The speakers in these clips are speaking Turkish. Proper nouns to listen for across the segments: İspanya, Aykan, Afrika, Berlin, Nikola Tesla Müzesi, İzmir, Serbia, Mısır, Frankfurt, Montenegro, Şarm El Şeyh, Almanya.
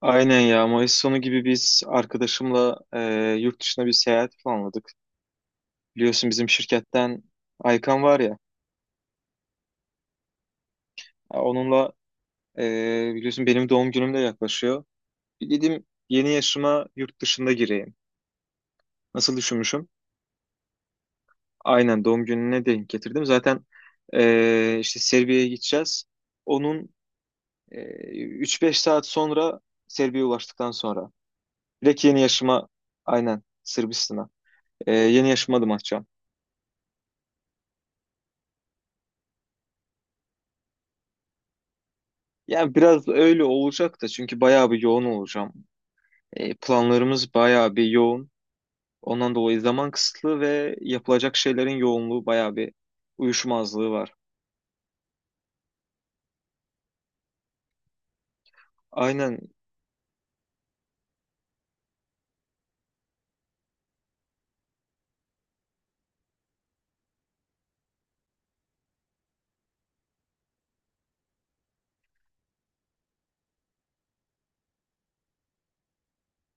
Aynen ya Mayıs sonu gibi biz arkadaşımla yurt dışına bir seyahat planladık. Biliyorsun bizim şirketten Aykan var ya ya onunla biliyorsun benim doğum günüm de yaklaşıyor. Bir dedim yeni yaşıma yurt dışında gireyim. Nasıl düşünmüşüm? Aynen doğum gününe denk getirdim. Zaten işte Serbia'ya gideceğiz. Onun e, 3-5 saat sonra Serbia'ya ulaştıktan sonra direkt yeni yaşıma, aynen Sırbistan'a, yeni yaşıma adım atacağım. Yani biraz öyle olacak da, çünkü bayağı bir yoğun olacağım. Planlarımız bayağı bir yoğun. Ondan dolayı zaman kısıtlı ve yapılacak şeylerin yoğunluğu bayağı bir uyuşmazlığı var. Aynen,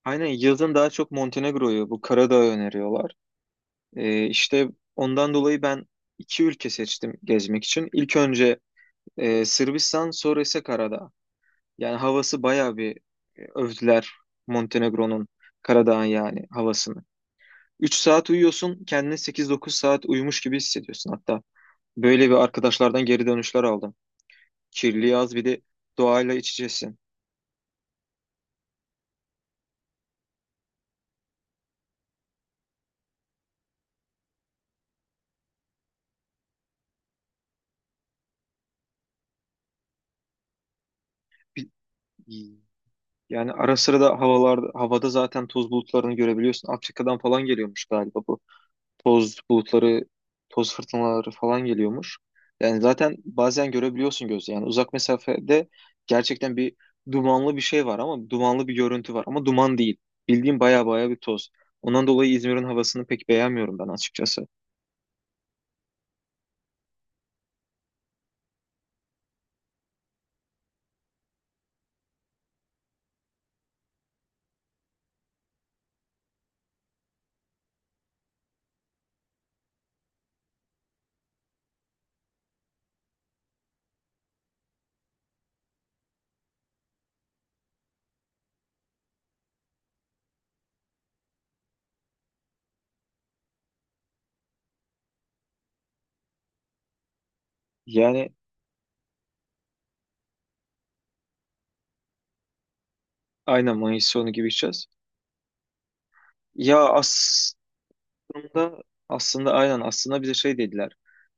aynen, yazın daha çok Montenegro'yu, bu Karadağ'ı öneriyorlar. E, işte ondan dolayı ben iki ülke seçtim gezmek için. İlk önce Sırbistan, sonra ise Karadağ. Yani havası bayağı bir, övdüler Montenegro'nun, Karadağ'ın yani havasını. 3 saat uyuyorsun, kendini 8-9 saat uyumuş gibi hissediyorsun hatta. Böyle bir, arkadaşlardan geri dönüşler aldım. Kirli az, bir de doğayla iç içesin. Bir- Yani ara sıra da havalar, havada zaten toz bulutlarını görebiliyorsun. Afrika'dan falan geliyormuş galiba, bu toz bulutları, toz fırtınaları falan geliyormuş. Yani zaten bazen görebiliyorsun gözle. Yani uzak mesafede gerçekten bir dumanlı bir şey var, ama dumanlı bir görüntü var ama duman değil. Bildiğim baya baya bir toz. Ondan dolayı İzmir'in havasını pek beğenmiyorum ben açıkçası. Yani aynen Mayıs sonu gibi içeceğiz. Ya aslında aynen, aslında bize şey dediler.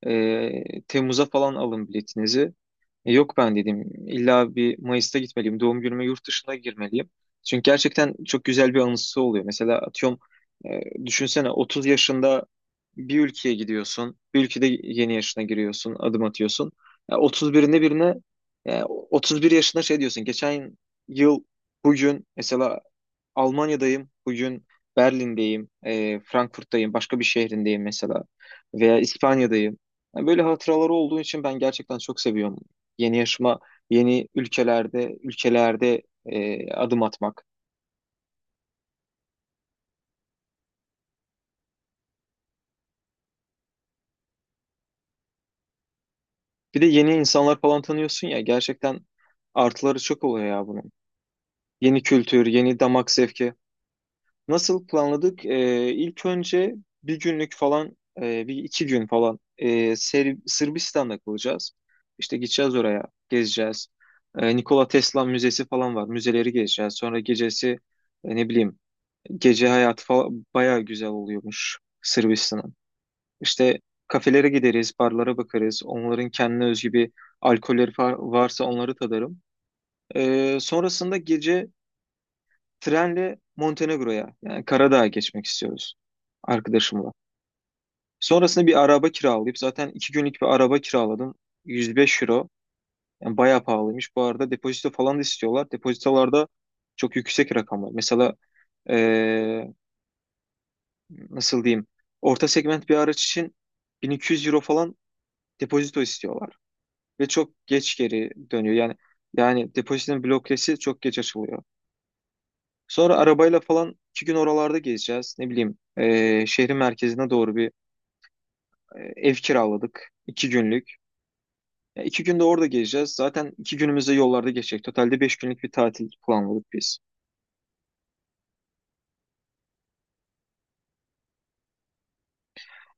Temmuz'a falan alın biletinizi. Yok, ben dedim, illa bir Mayıs'ta gitmeliyim. Doğum günüme yurt dışına girmeliyim. Çünkü gerçekten çok güzel bir anısı oluyor. Mesela atıyorum, düşünsene 30 yaşında bir ülkeye gidiyorsun. Bir ülkede yeni yaşına giriyorsun, adım atıyorsun. Ya 31'inde birine 31 yaşında şey diyorsun. Geçen yıl bugün mesela Almanya'dayım, bugün Berlin'deyim, Frankfurt'tayım, başka bir şehrindeyim mesela, veya İspanya'dayım. Yani böyle hatıraları olduğu için ben gerçekten çok seviyorum. Yeni yaşıma, yeni ülkelerde adım atmak. Bir de yeni insanlar falan tanıyorsun ya, gerçekten artıları çok oluyor ya bunun. Yeni kültür, yeni damak zevki. Nasıl planladık? İlk önce bir günlük falan, bir iki gün falan, Sırbistan'da kalacağız. İşte gideceğiz oraya, gezeceğiz. Nikola Tesla Müzesi falan var. Müzeleri gezeceğiz. Sonra gecesi, ne bileyim, gece hayatı falan bayağı güzel oluyormuş Sırbistan'ın. İşte kafelere gideriz, barlara bakarız. Onların kendine özgü bir alkolleri varsa onları tadarım. Sonrasında gece trenle Montenegro'ya, yani Karadağ'a geçmek istiyoruz arkadaşımla. Sonrasında bir araba kiralayıp, zaten 2 günlük bir araba kiraladım. 105 euro. Yani bayağı pahalıymış. Bu arada depozito falan da istiyorlar. Depozitolarda çok yüksek rakamlar. Mesela eee, nasıl diyeyim? Orta segment bir araç için 1200 euro falan depozito istiyorlar. Ve çok geç geri dönüyor. Yani depozitonun blokesi çok geç açılıyor. Sonra arabayla falan 2 gün oralarda gezeceğiz. Ne bileyim, şehrin merkezine doğru bir, ev kiraladık. 2 günlük. Ya, 2 günde orada gezeceğiz. Zaten 2 günümüzde yollarda geçecek. Totalde 5 günlük bir tatil planladık biz.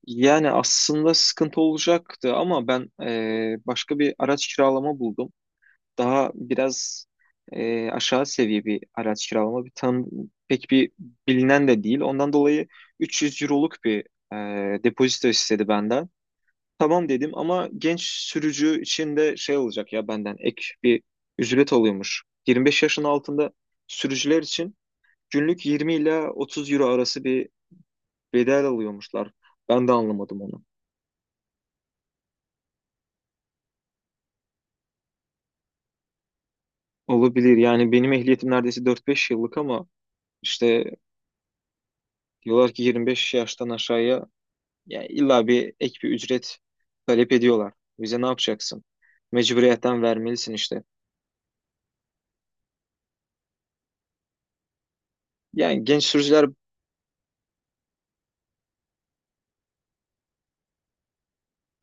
Yani aslında sıkıntı olacaktı, ama ben başka bir araç kiralama buldum. Daha biraz, aşağı seviye bir araç kiralama. Bir tam pek bir bilinen de değil. Ondan dolayı 300 euroluk bir depozito istedi benden. Tamam dedim, ama genç sürücü için de şey olacak ya, benden ek bir ücret alıyormuş. 25 yaşın altında sürücüler için günlük 20 ila 30 euro arası bir bedel alıyormuşlar. Ben de anlamadım onu. Olabilir, yani benim ehliyetim neredeyse 4-5 yıllık, ama işte diyorlar ki 25 yaştan aşağıya ya illa bir ek bir ücret talep ediyorlar. Bize ne yapacaksın? Mecburiyetten vermelisin işte. Yani genç sürücüler,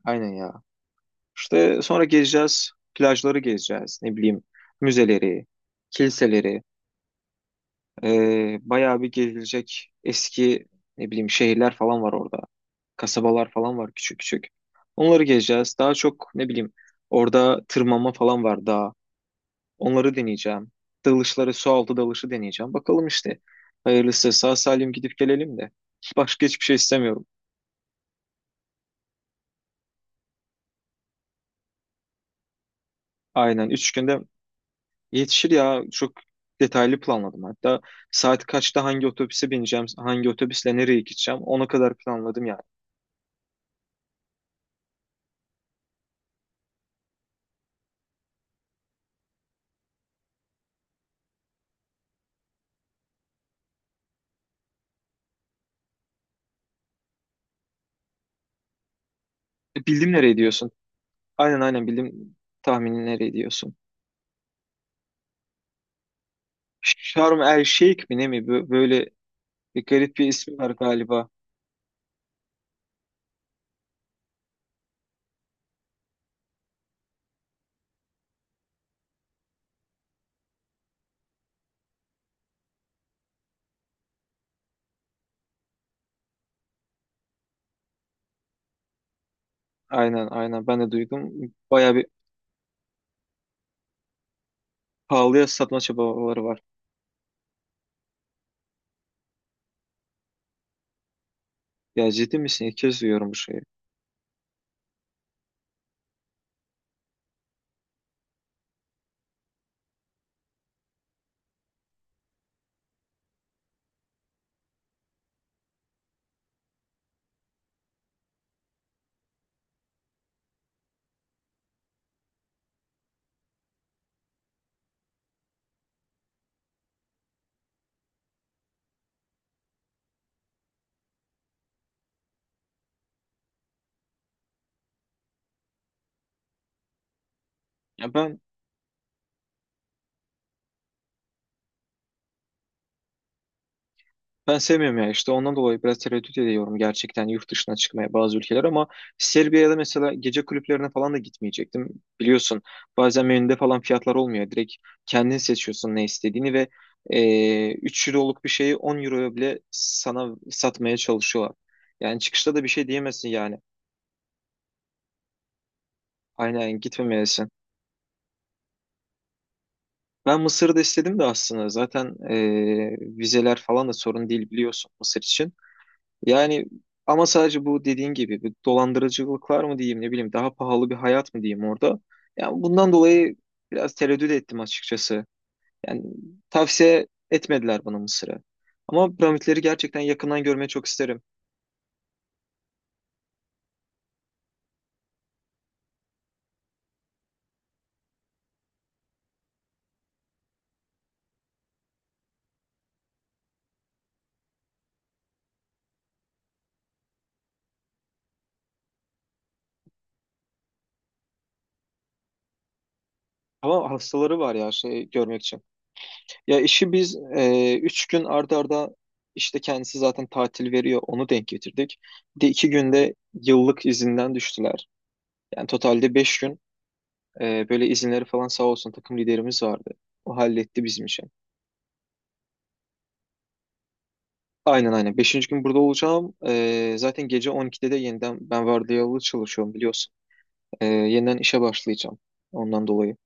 aynen ya, İşte sonra gezeceğiz, plajları gezeceğiz, ne bileyim, müzeleri, kiliseleri, bayağı bir gezilecek eski, ne bileyim, şehirler falan var orada. Kasabalar falan var, küçük küçük. Onları gezeceğiz. Daha çok, ne bileyim, orada tırmanma falan var daha. Onları deneyeceğim. Dalışları, su altı dalışı deneyeceğim. Bakalım işte. Hayırlısı sağ salim gidip gelelim de. Başka hiçbir şey istemiyorum. Aynen. 3 günde yetişir ya. Çok detaylı planladım. Hatta saat kaçta hangi otobüse bineceğim, hangi otobüsle nereye gideceğim, ona kadar planladım yani. Bildim nereye diyorsun. Aynen, aynen, bildim tahmini nereye diyorsun. Şarm El Şeyh mi, ne mi? Böyle bir garip bir ismi var galiba. Aynen, aynen, ben de duydum. Baya bir pahalıya satma çabaları var. Ya, ciddi misin? İlk kez duyuyorum bu şeyi. Ya ben Ben sevmiyorum ya, işte ondan dolayı biraz tereddüt ediyorum gerçekten yurt dışına çıkmaya, bazı ülkeler ama Serbia'da mesela gece kulüplerine falan da gitmeyecektim. Biliyorsun, bazen menüde falan fiyatlar olmuyor. Direkt kendin seçiyorsun ne istediğini ve 3 euroluk bir şeyi 10 euroya bile sana satmaya çalışıyorlar. Yani çıkışta da bir şey diyemezsin yani. Aynen, gitmemelisin. Ben Mısır'da istedim de aslında, zaten vizeler falan da sorun değil biliyorsun Mısır için. Yani, ama sadece bu dediğin gibi bir dolandırıcılık mı diyeyim, ne bileyim, daha pahalı bir hayat mı diyeyim orada. Yani bundan dolayı biraz tereddüt ettim açıkçası. Yani tavsiye etmediler bana Mısır'ı. Ama piramitleri gerçekten yakından görmeyi çok isterim. Ama hastaları var ya şey görmek için. Ya işi biz, 3 gün arda arda, işte kendisi zaten tatil veriyor, onu denk getirdik. Bir de 2 günde yıllık izinden düştüler. Yani totalde 5 gün. Böyle izinleri falan, sağ olsun takım liderimiz vardı. O halletti bizim için. Aynen, aynen. Beşinci gün burada olacağım. Zaten gece 12'de de yeniden, ben vardiyalı çalışıyorum biliyorsun. Yeniden işe başlayacağım. Ondan dolayı.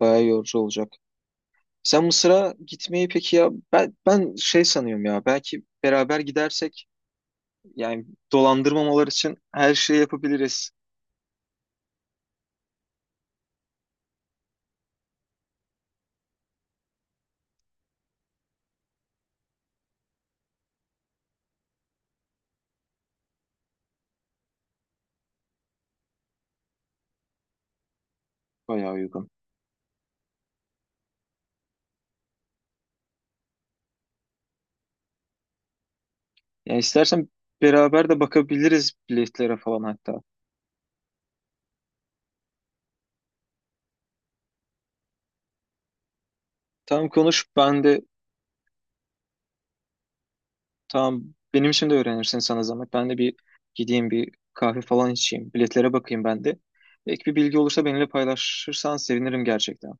Bayağı yorucu olacak. Sen Mısır'a gitmeyi, peki ya ben şey sanıyorum ya, belki beraber gidersek yani dolandırmamalar için her şeyi yapabiliriz. Bayağı uygun. Yani istersen beraber de bakabiliriz biletlere falan hatta. Tamam, konuş ben de. Tamam, benim için de öğrenirsin, sana zahmet. Ben de bir gideyim, bir kahve falan içeyim. Biletlere bakayım ben de. Ek bir bilgi olursa benimle paylaşırsan sevinirim gerçekten.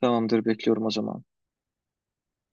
Tamamdır, bekliyorum o zaman.